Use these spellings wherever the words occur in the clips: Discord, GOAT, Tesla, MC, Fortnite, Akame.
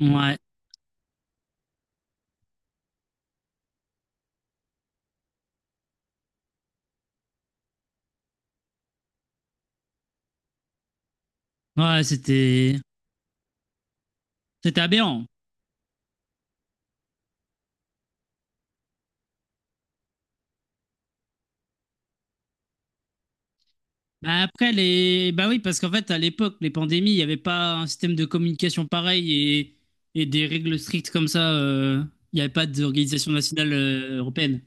Ouais, ouais, c'était aberrant. Bah après les bah oui parce qu'en fait à l'époque les pandémies, il n'y avait pas un système de communication pareil et des règles strictes comme ça, il n'y avait pas d'organisation nationale européenne.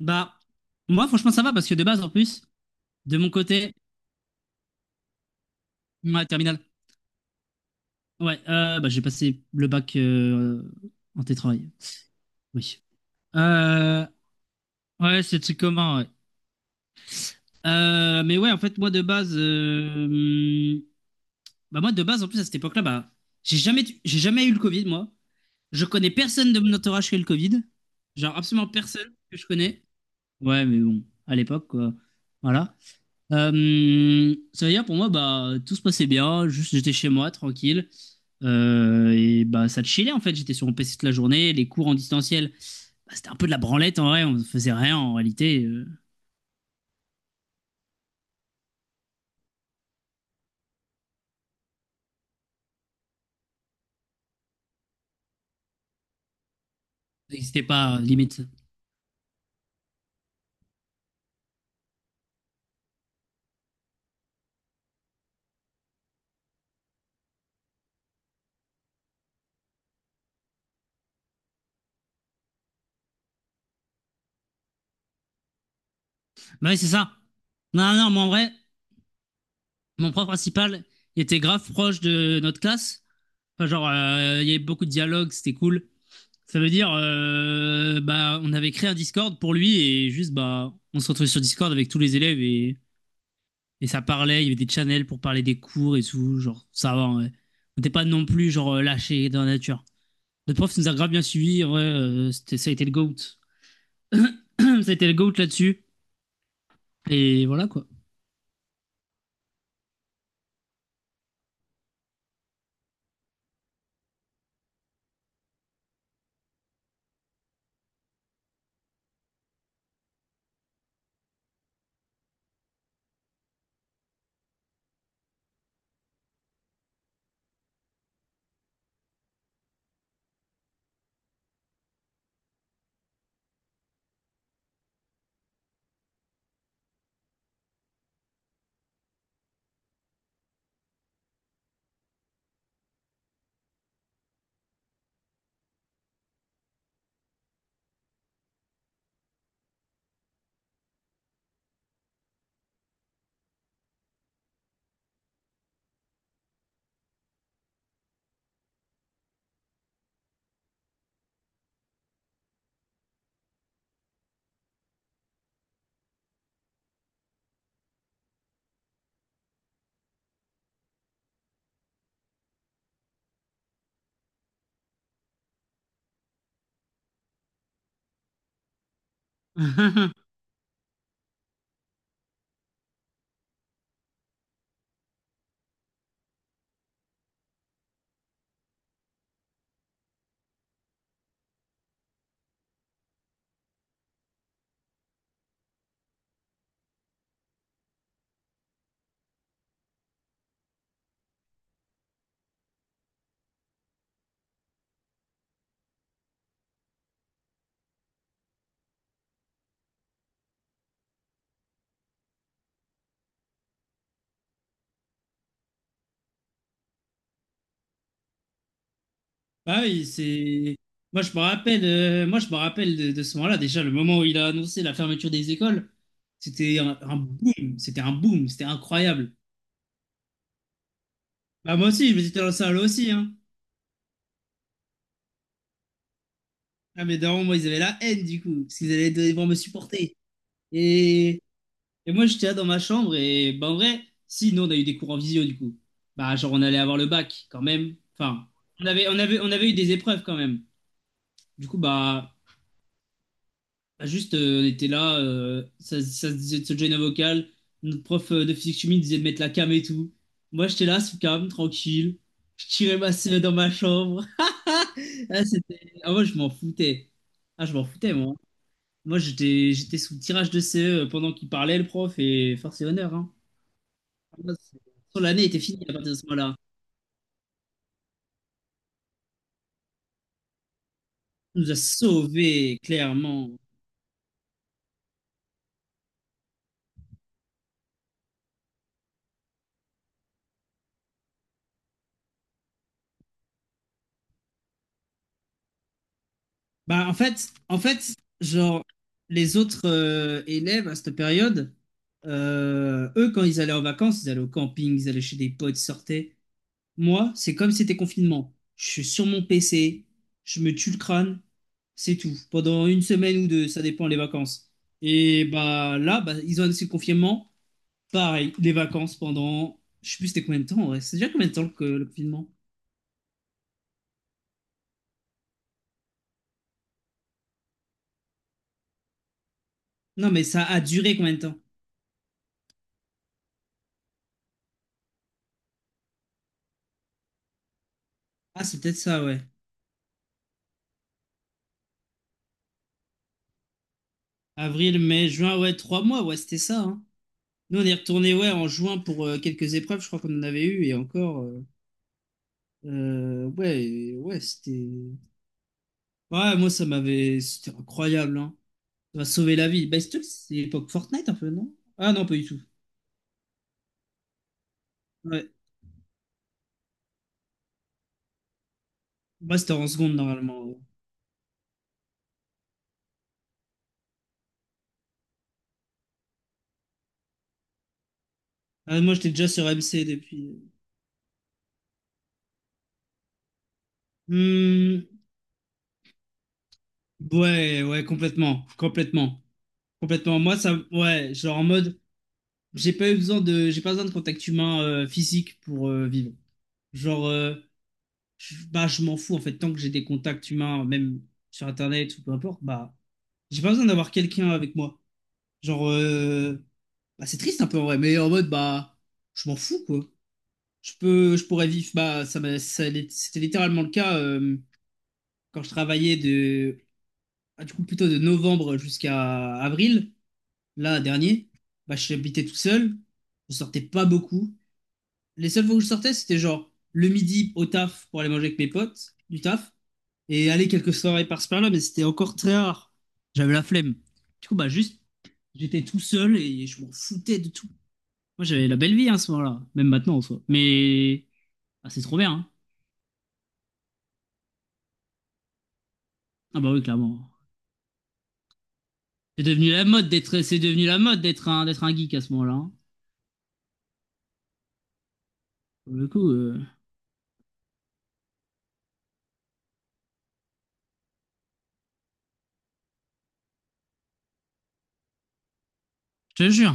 Bah moi franchement ça va parce que de base en plus de mon côté, ma terminale. Ouais, bah j'ai passé le bac en télétravail. Oui. Euh, ouais, c'est le truc commun, ouais. Mais ouais, en fait, moi de base. Bah moi, de base, en plus, à cette époque-là, bah, j'ai jamais eu le Covid, moi. Je connais personne de mon entourage qui a eu le Covid. Genre, absolument personne que je connais. Ouais, mais bon, à l'époque, quoi. Voilà. Ça veut dire, pour moi, bah, tout se passait bien. Juste, j'étais chez moi, tranquille. Et bah, ça chillait, en fait. J'étais sur mon PC toute la journée. Les cours en distanciel, bah, c'était un peu de la branlette, en vrai. On faisait rien, en réalité. Ça n'existait pas, limite. Bah ouais, c'est ça. Non, non, moi, en vrai. Mon prof principal, il était grave proche de notre classe. Enfin, genre, il y avait beaucoup de dialogues, c'était cool. Ça veut dire, bah, on avait créé un Discord pour lui et juste, bah, on se retrouvait sur Discord avec tous les élèves et ça parlait. Il y avait des channels pour parler des cours et tout. Genre, ça va, ouais. On n'était pas non plus, genre, lâchés dans la nature. Notre prof nous a grave bien suivis. En vrai, ça a été le GOAT. Ça a été le GOAT là-dessus. Et voilà, quoi. Ah oui, c'est. Moi, je me rappelle de ce moment-là. Déjà, le moment où il a annoncé la fermeture des écoles, c'était un boom. C'était un boom. C'était incroyable. Bah, moi aussi, je me suis dans la salle aussi, hein. Ah, mais d'un moment, ils avaient la haine, du coup, parce qu'ils allaient devoir me supporter. Et, et moi, j'étais là dans ma chambre. Et bah, en vrai, si, nous, on a eu des cours en visio, du coup. Bah, genre, on allait avoir le bac, quand même. Enfin, on avait eu des épreuves, quand même. Du coup, bah. Bah, juste, on était là, ça se disait de se joindre un vocal. Notre prof de physique chimie disait de mettre la cam et tout. Moi, j'étais là sous cam, tranquille. Je tirais ma semaine dans ma chambre. Ah, ah, moi, je m'en foutais. Ah, je m'en foutais, moi. Moi, j'étais sous le tirage de CE pendant qu'il parlait, le prof, et force et honneur, hein. Moi, c'est- L'année était finie à partir de ce moment-là. Il nous a sauvés, clairement. Bah, en fait, genre, les autres élèves à cette période, eux, quand ils allaient en vacances, ils allaient au camping, ils allaient chez des potes, ils sortaient. Moi, c'est comme si c'était confinement. Je suis sur mon PC, je me tue le crâne, c'est tout. Pendant une semaine ou deux, ça dépend les vacances. Et bah là, bah, ils ont annoncé le confinement. Pareil, les vacances pendant. Je sais plus c'était combien de temps, ouais. C'est déjà combien de temps que le confinement? Non, mais ça a duré combien de temps? Ah, c'est peut-être ça, ouais. Avril, mai, juin, ouais, 3 mois, ouais, c'était ça, hein. Nous, on est retourné, ouais, en juin pour quelques épreuves, je crois qu'on en avait eu, et encore, ouais, ouais, c'était. Ouais, moi, ça m'avait. C'était incroyable, hein. Ça m'a sauvé la vie. Bah, c'est l'époque Fortnite, un peu, non? Ah, non, pas du tout. Ouais. Moi, c'était en seconde, normalement, ouais. Ah, moi, j'étais déjà sur MC depuis. Hmm, ouais, ouais, complètement, complètement, complètement. Moi, ça, ouais, genre en mode, j'ai pas besoin de contact humain physique pour vivre. Genre, bah, je m'en fous en fait, tant que j'ai des contacts humains, même sur Internet ou peu importe, bah, j'ai pas besoin d'avoir quelqu'un avec moi. Genre, bah, c'est triste un peu en vrai, mais en mode, bah, je m'en fous quoi. Je pourrais vivre, bah, ça, m'a- ça l'est- c'était littéralement le cas quand je travaillais ah, du coup, plutôt de novembre jusqu'à avril, là, dernier, bah, j'habitais tout seul, je sortais pas beaucoup. Les seules fois où je sortais, c'était genre le midi au taf pour aller manger avec mes potes du taf. Et aller quelques soirées par-ci par-là, mais c'était encore très rare. J'avais la flemme. Du coup, bah juste, j'étais tout seul et je m'en foutais de tout. Moi, j'avais la belle vie, hein, à ce moment-là, même maintenant en soi. Mais ah, c'est trop bien, hein. Ah bah oui, clairement. C'est devenu la mode d'être d'être un geek à ce moment-là, hein. Pour le coup, je te jure.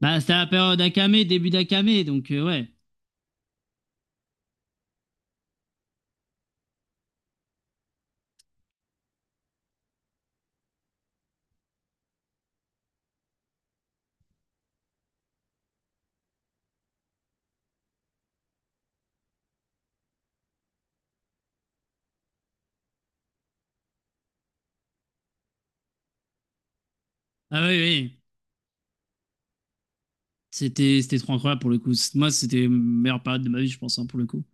Bah, c'était la période Akame, début d'Akame, donc ouais. Ah oui, oui. C'était trop incroyable pour le coup. Moi, c'était la meilleure période de ma vie, je pense, hein, pour le coup.